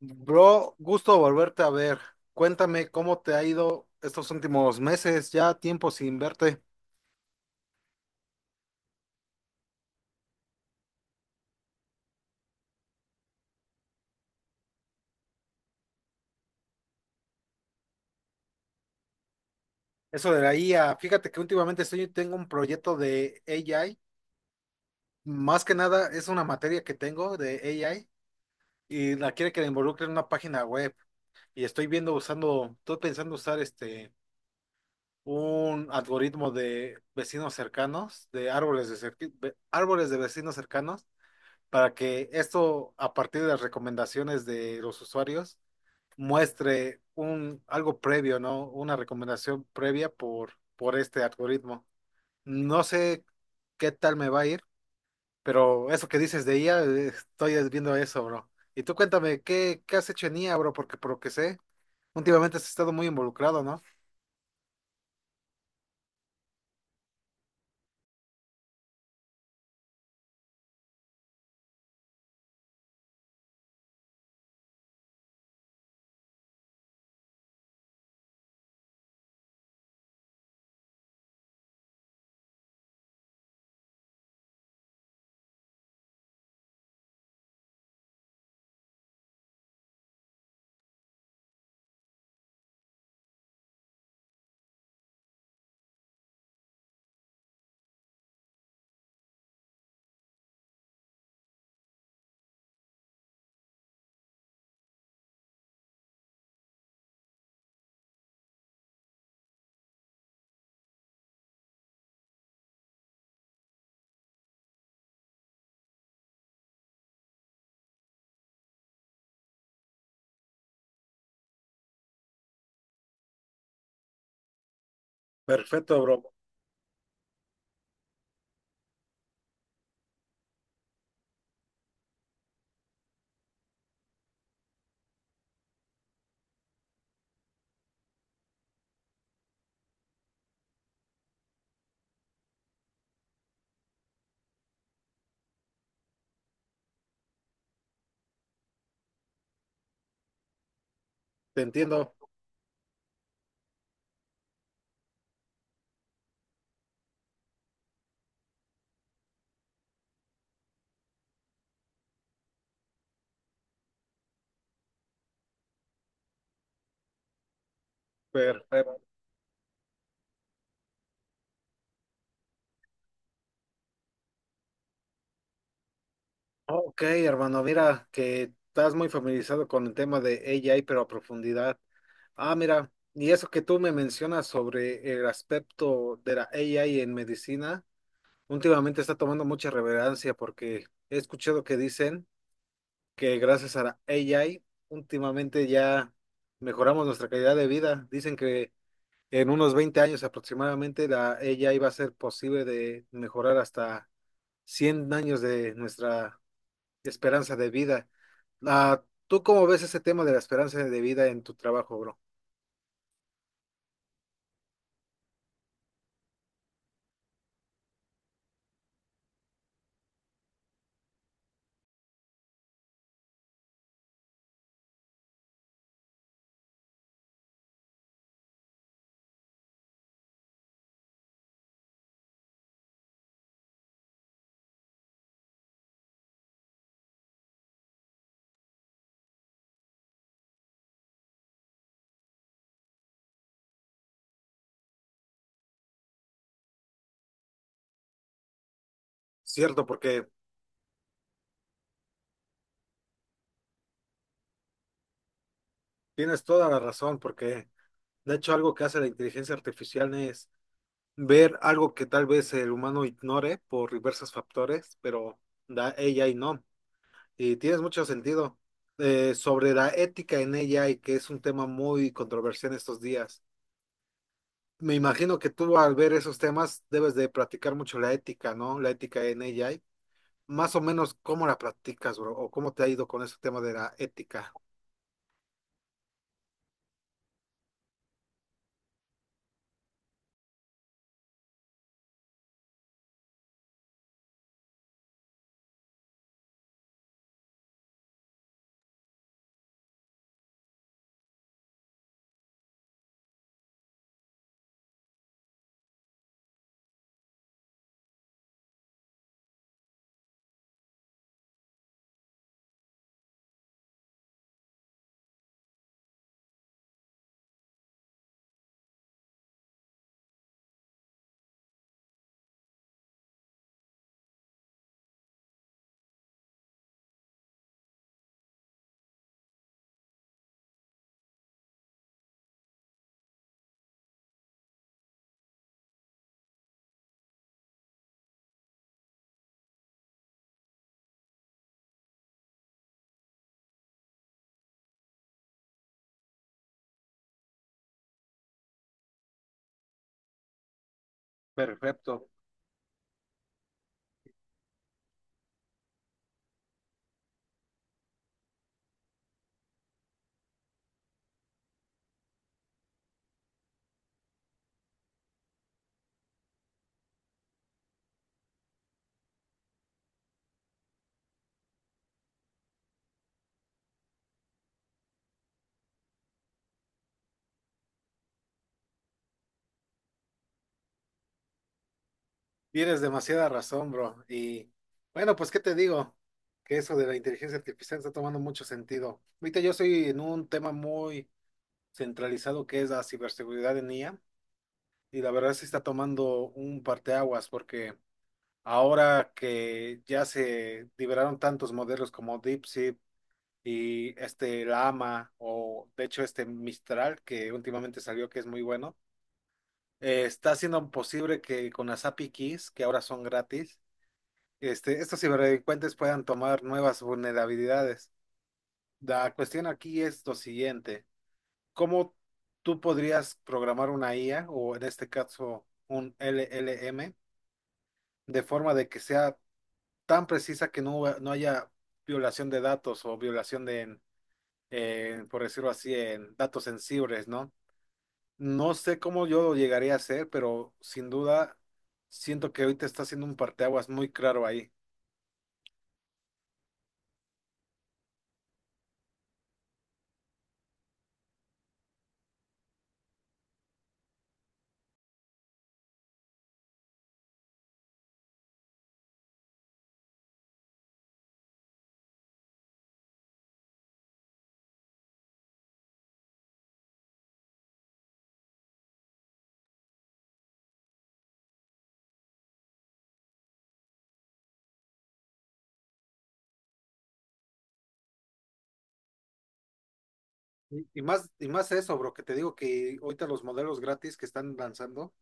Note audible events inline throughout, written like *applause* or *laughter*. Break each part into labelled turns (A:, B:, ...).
A: Bro, gusto volverte a ver. Cuéntame cómo te ha ido estos últimos meses, ya tiempo sin verte. Eso de la IA, fíjate que últimamente tengo un proyecto de AI. Más que nada es una materia que tengo de AI y la quiere que la involucre en una página web. Y estoy estoy pensando usar un algoritmo de vecinos cercanos, de árboles de vecinos cercanos, para que esto, a partir de las recomendaciones de los usuarios, muestre algo previo, ¿no? Una recomendación previa por este algoritmo. No sé qué tal me va a ir, pero eso que dices de IA, estoy viendo eso, bro. Y tú cuéntame, ¿ qué has hecho en IA, bro? Porque por lo que sé, últimamente has estado muy involucrado, ¿no? Perfecto, bro. Te entiendo. Perfecto. Ok, hermano, mira que estás muy familiarizado con el tema de AI, pero a profundidad. Ah, mira, y eso que tú me mencionas sobre el aspecto de la AI en medicina, últimamente está tomando mucha relevancia porque he escuchado que dicen que gracias a la AI, últimamente ya mejoramos nuestra calidad de vida. Dicen que en unos 20 años aproximadamente la AI va a ser posible de mejorar hasta 100 años de nuestra esperanza de vida. Ah, ¿tú cómo ves ese tema de la esperanza de vida en tu trabajo, bro? Cierto, porque tienes toda la razón, porque de hecho algo que hace la inteligencia artificial es ver algo que tal vez el humano ignore por diversos factores, pero da ella y no. Y tienes mucho sentido. Sobre la ética en ella y que es un tema muy controversial en estos días. Me imagino que tú al ver esos temas debes de practicar mucho la ética, ¿no? La ética en AI. Más o menos, ¿cómo la practicas, bro? ¿O cómo te ha ido con ese tema de la ética? Perfecto. Tienes demasiada razón, bro. Y bueno, pues, ¿qué te digo? Que eso de la inteligencia artificial está tomando mucho sentido. Ahorita yo estoy en un tema muy centralizado que es la ciberseguridad en IA y la verdad se está tomando un parteaguas porque ahora que ya se liberaron tantos modelos como DeepSeek y este Llama o de hecho este Mistral que últimamente salió que es muy bueno, está haciendo posible que con las API Keys, que ahora son gratis, estos ciberdelincuentes puedan tomar nuevas vulnerabilidades. La cuestión aquí es lo siguiente, ¿cómo tú podrías programar una IA o en este caso un LLM de forma de que sea tan precisa que no haya violación de datos o en, por decirlo así, en datos sensibles, ¿no? No sé cómo yo lo llegaría a hacer, pero sin duda siento que ahorita está haciendo un parteaguas muy claro ahí. Y más eso, bro, que te digo que ahorita los modelos gratis que están lanzando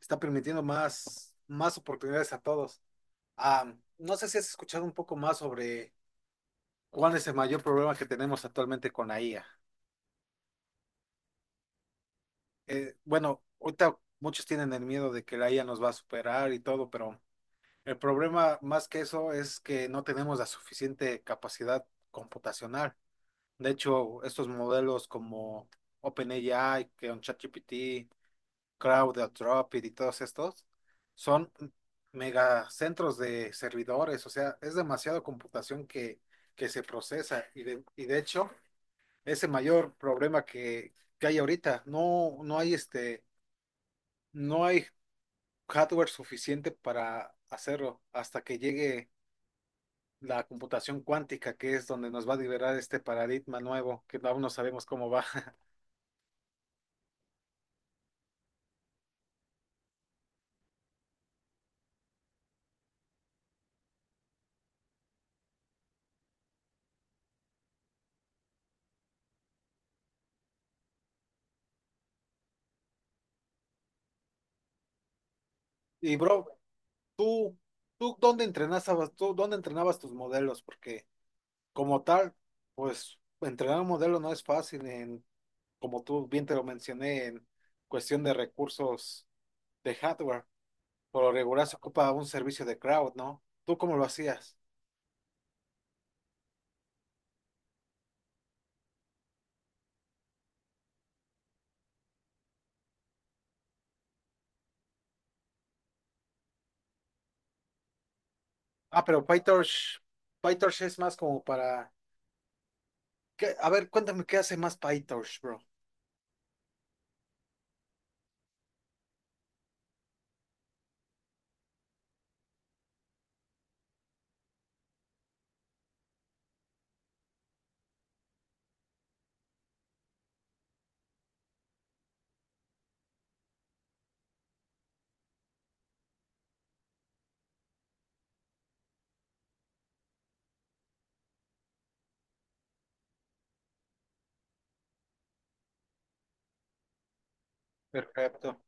A: está permitiendo más oportunidades a todos. Ah, no sé si has escuchado un poco más sobre cuál es el mayor problema que tenemos actualmente con la IA. Bueno, ahorita muchos tienen el miedo de que la IA nos va a superar y todo, pero el problema más que eso es que no tenemos la suficiente capacidad computacional. De hecho, estos modelos como OpenAI, que un ChatGPT, Crowd, Dropit y todos estos, son megacentros de servidores, o sea, es demasiado computación que se procesa y de hecho es el mayor problema que hay ahorita. No hay no hay hardware suficiente para hacerlo hasta que llegue la computación cuántica, que es donde nos va a liberar este paradigma nuevo, que aún no sabemos cómo va. *laughs* Y bro, tú, tú, ¿dónde tú, dónde entrenabas tus modelos? Porque como tal, pues entrenar un modelo no es fácil en, como tú bien te lo mencioné, en cuestión de recursos de hardware. Por lo regular se ocupa un servicio de cloud, ¿no? ¿Tú cómo lo hacías? Ah, pero PyTorch es más como para... ¿qué? A ver, cuéntame qué hace más PyTorch, bro. Perfecto.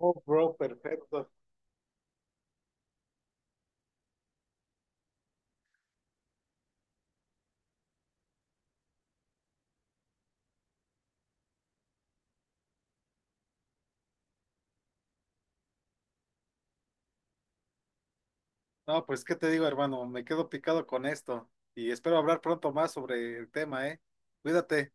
A: Oh, bro, perfecto. No, pues, ¿qué te digo, hermano? Me quedo picado con esto y espero hablar pronto más sobre el tema, ¿eh? Cuídate.